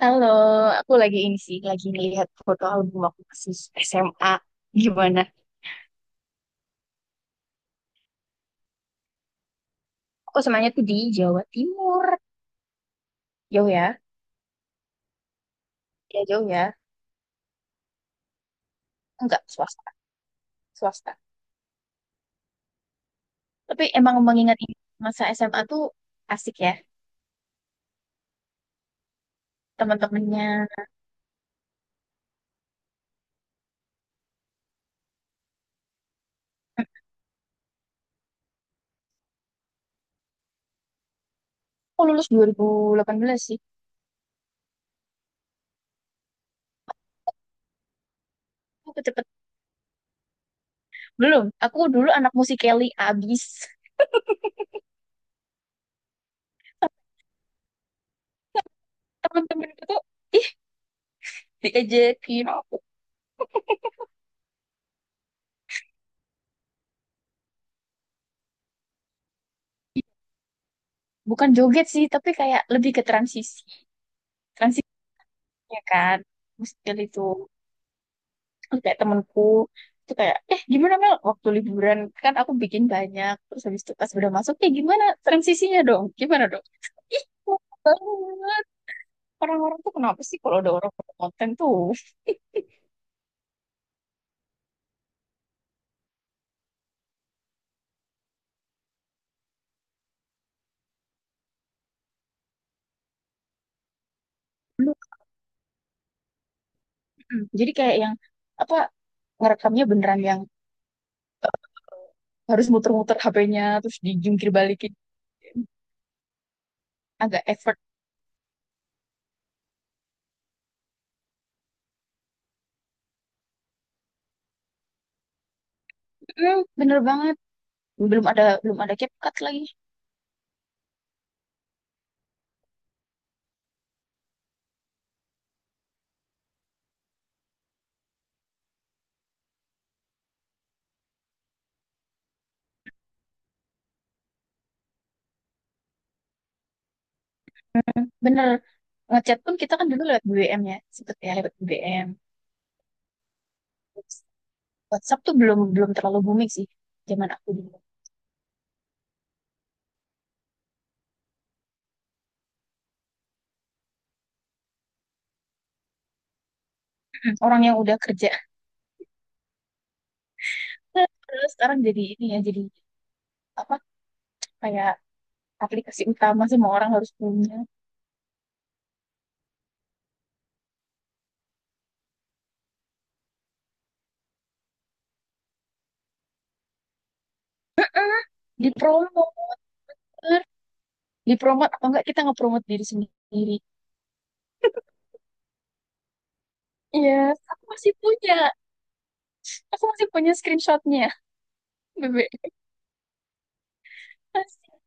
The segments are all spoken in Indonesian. Halo, aku lagi ini sih, lagi ngelihat foto album waktu masih SMA. Gimana? Aku semuanya tuh di Jawa Timur. Jauh ya? Ya jauh ya. Enggak, swasta. Swasta. Tapi emang mengingat ini, masa SMA tuh asik ya. Teman-temannya. Aku lulus 2018 sih. Aku cepet. Belum. Aku dulu anak musik Kelly abis. Temen-temen itu ih, diajakin aku. Bukan joget sih, tapi kayak lebih ke transisi. Transisinya kan. Musik Kelly itu. Terus kayak temenku itu kayak, eh, gimana Mel waktu liburan, kan aku bikin banyak, terus habis itu pas udah masuk, eh, gimana transisinya dong, gimana dong? Ih, lama banget. Orang-orang tuh kenapa sih kalau ada orang buat konten tuh? Dulu, jadi kayak yang apa, ngerekamnya beneran yang harus muter-muter HP-nya terus dijungkir balikin, agak effort. Mm, bener banget, belum ada, belum ada CapCut lagi. Bener, ngechat pun kita kan dulu lewat BBM ya, sempet ya lewat BBM. WhatsApp tuh belum belum terlalu booming sih zaman aku dulu. Mm-mm. Orang yang udah kerja. Terus sekarang jadi ini ya, jadi apa, kayak aplikasi utama semua orang harus punya. Dipromo, dipromot atau enggak kita ngepromot diri sendiri. Iya, aku masih punya. Aku masih punya screenshotnya, Bebe. Masih.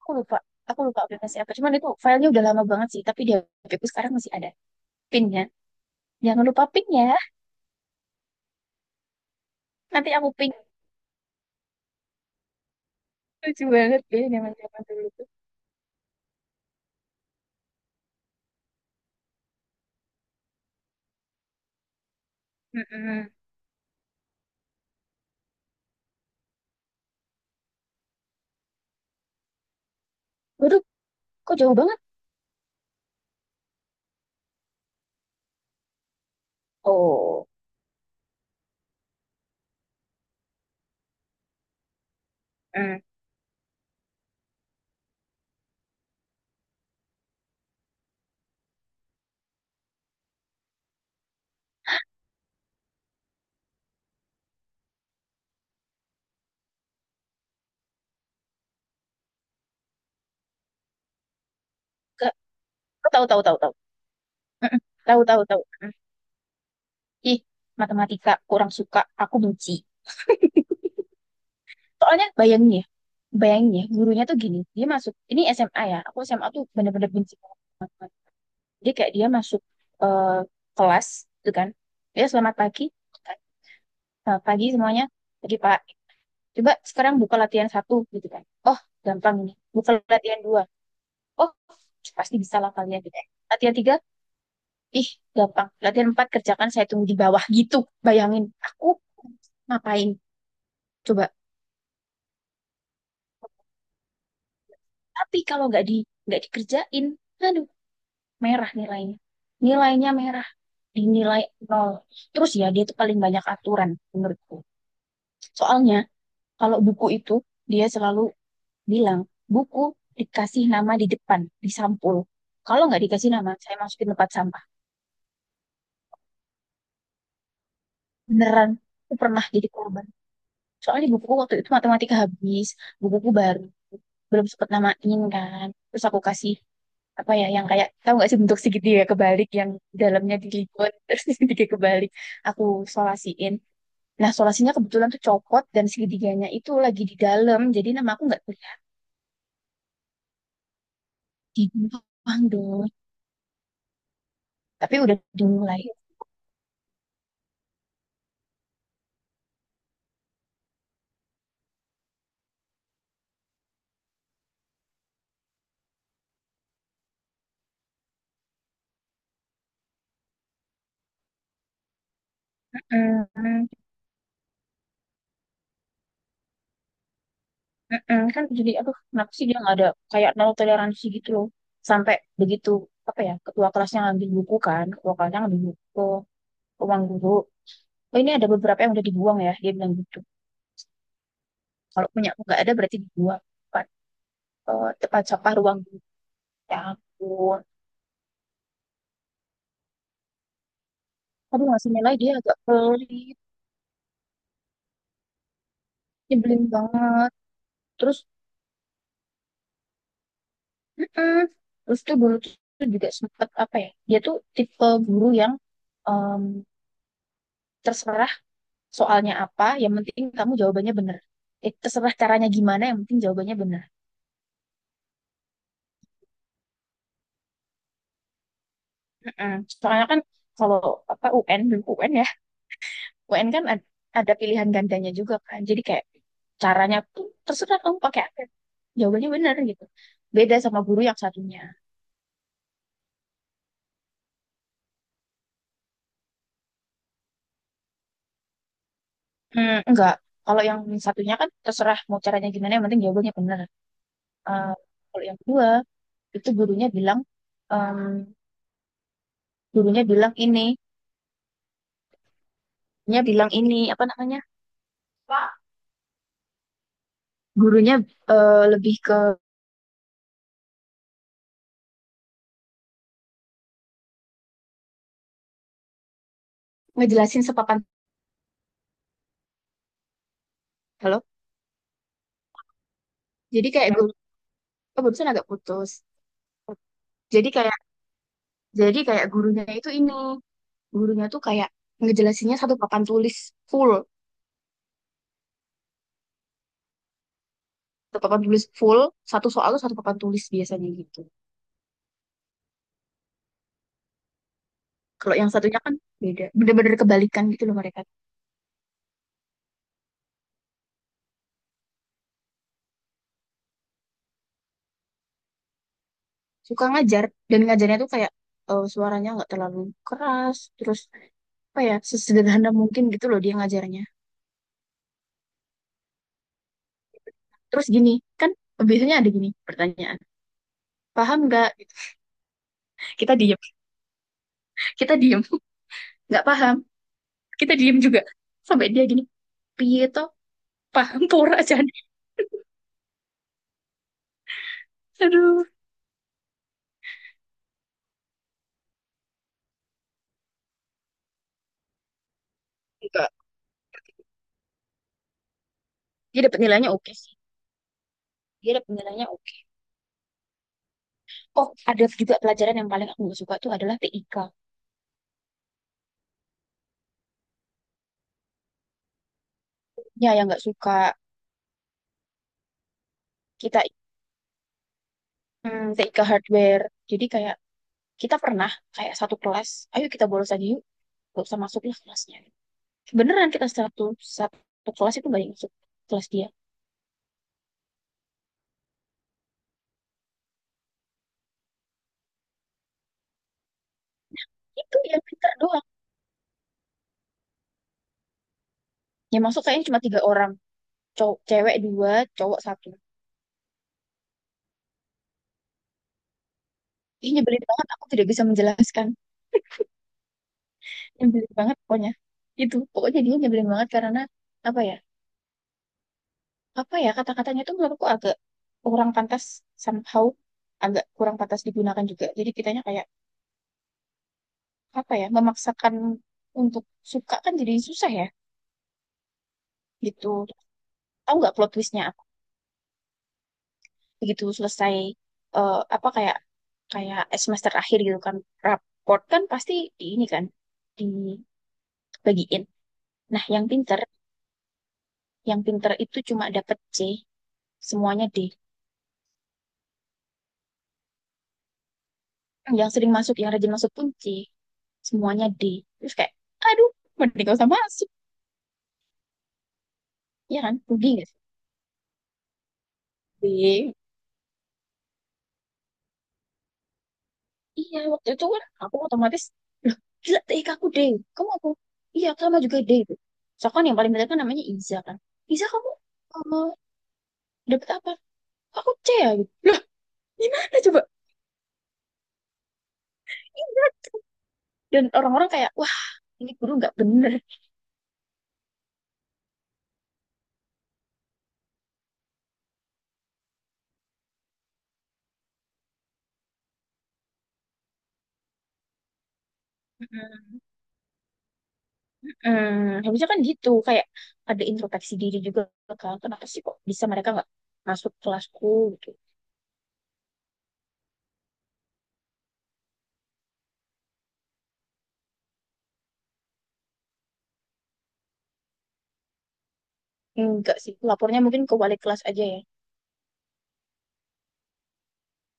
Aku lupa. Aku lupa aplikasi apa. Cuman itu filenya udah lama banget sih. Tapi di HPku sekarang masih ada. Pinnya. Jangan lupa pin ya. Nanti aku ping. Lucu banget ya zaman-zaman dulu tuh. Mm-mm. Waduh, kok jauh banget. Oh, mm. Ke- tahu, tahu, tahu, tahu. Mm-mm. Tahu, tahu, tahu. Mm. Ih, matematika kurang suka, aku benci. Soalnya bayangin ya, gurunya tuh gini, dia masuk ini SMA ya. Aku SMA tuh bener-bener benci banget sama matematika. Dia kayak dia masuk eh, kelas gitu kan. Ya, selamat pagi, gitu kan. Selamat pagi semuanya. Pagi Pak. Coba sekarang buka latihan satu, gitu kan. Oh, gampang ini. Buka latihan dua. Oh, pasti bisa lah kalian, gitu kan. Latihan tiga. Ih, gampang. Latihan empat, kerjakan, saya tunggu di bawah, gitu. Bayangin, aku ngapain? Coba. Tapi kalau nggak di nggak dikerjain, aduh, merah nilainya. Nilainya merah. Dinilai nol. Terus ya, dia tuh paling banyak aturan menurutku. Soalnya, kalau buku itu, dia selalu bilang, buku dikasih nama di depan, di sampul. Kalau nggak dikasih nama, saya masukin tempat sampah. Beneran, aku pernah jadi korban. Soalnya bukuku waktu itu matematika habis, bukuku baru, belum sempet namain kan, terus aku kasih apa ya, yang kayak, tahu nggak sih bentuk segitiga kebalik yang dalamnya dilipat, terus segitiga kebalik, aku solasiin. Nah, solasinya kebetulan tuh copot dan segitiganya itu lagi di dalam, jadi nama aku nggak kelihatan di doang dong, tapi udah dimulai. Mm-mm, mm-mm. Kan jadi, aduh, kenapa sih dia nggak ada kayak nol toleransi gitu loh, sampai begitu apa ya, ketua kelasnya ngambil buku kan, ketua kelasnya ngambil buku, uang guru, oh, ini ada beberapa yang udah dibuang ya, dia bilang gitu. Kalau punya aku nggak ada, berarti dibuang, tempat, eh, tempat sampah ruang guru. Ya ampun. Aduh, ngasih nilai dia agak pelit, nyebelin banget. Terus, mm-mm. Terus tuh dulu tuh tuh juga sempet apa ya? Dia tuh tipe guru yang em, terserah soalnya apa, yang penting kamu jawabannya bener. Eh, terserah caranya gimana, yang penting jawabannya bener. Mm-mm. Soalnya kan kalau apa, UN dulu, UN ya, UN kan ada pilihan gandanya juga kan. Jadi kayak caranya tuh terserah kamu pakai apa. Jawabannya benar gitu. Beda sama guru yang satunya. Hmm, enggak. Kalau yang satunya kan terserah mau caranya gimana, yang penting jawabannya benar. Eh, kalau yang kedua itu gurunya bilang em, gurunya bilang ini, gurunya bilang ini apa namanya? Pak. Gurunya, eh, lebih ke ngejelasin sepapan. Halo. Jadi kayak guru, oh, barusan agak putus. Jadi kayak jadi kayak gurunya itu ini, gurunya tuh kayak ngejelasinnya satu papan tulis full, satu papan tulis full, satu soal tuh satu papan tulis biasanya gitu. Kalau yang satunya kan beda, bener-bener kebalikan gitu loh mereka. Suka ngajar dan ngajarnya tuh kayak suaranya nggak terlalu keras, terus apa ya, sesederhana mungkin gitu loh dia ngajarnya. Terus gini kan biasanya ada gini pertanyaan, paham nggak, gitu. Kita diem. Kita diem, nggak paham. Kita diem juga. Sampai dia gini, piye toh, paham pura aja, aduh. Enggak, dia dapat nilainya oke sih. Dia ada penilaiannya oke. Oh, ada juga pelajaran yang paling aku nggak suka tuh adalah TIK. Ya, yang nggak suka kita, TIK hardware. Jadi kayak kita pernah kayak satu kelas, ayo kita bolos aja yuk, gak usah masuk lah kelasnya. Beneran kita satu satu kelas itu banyak masuk kelas dia. Itu yang pintar doang. Yang masuk kayaknya cuma tiga orang, cowok cewek dua, cowok satu. Ih, nyebelin banget, aku tidak bisa menjelaskan. Nyebelin banget pokoknya. Itu, pokoknya dia nyebelin banget karena apa ya? Apa ya, kata-katanya itu menurutku agak kurang pantas somehow, agak kurang pantas digunakan juga, jadi kitanya kayak apa ya, memaksakan untuk suka kan, jadi susah ya gitu. Tahu nggak plot twistnya apa? Begitu selesai, eh, apa kayak kayak semester akhir gitu kan, raport kan pasti di ini kan dibagiin. Nah yang pinter, yang pinter itu cuma dapet C, semuanya D. Yang sering masuk, yang rajin masuk pun C, semuanya D. Terus kayak, aduh, mending gak usah masuk. Iya kan? Rugi nggak sih? Di Iya, waktu itu kan aku otomatis, loh, gila TIK aku D. Kamu aku, iya sama juga D itu. Soalnya kan yang paling benar kan namanya Iza kan. Iza kamu eh, dapet apa? Aku C ya gitu. Loh, gimana coba? Iya. Dan orang-orang kayak, wah, ini guru nggak bener. Hmm. Harusnya kan gitu. Kayak ada introspeksi diri juga kan. Kenapa sih kok bisa mereka nggak masuk kelasku gitu. Enggak sih, lapornya mungkin ke wali kelas aja ya.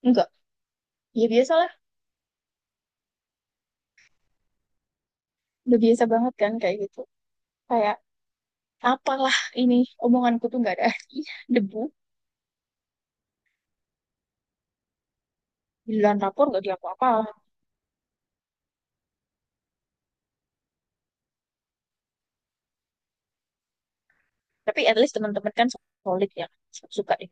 Enggak. Ya biasa udah biasa banget kan kayak gitu, kayak apalah ini, omonganku tuh nggak ada artinya debu, bilang rapor nggak diapa-apa. Tapi at least teman-teman kan solid ya, suka deh.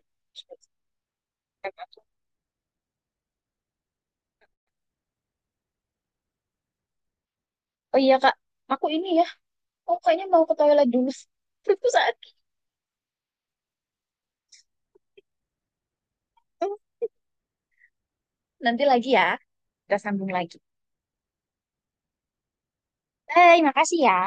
Oh iya kak, aku ini ya, oh kayaknya mau ke toilet dulu. Itu saat itu. Nanti lagi ya, kita sambung lagi. Bye, makasih ya.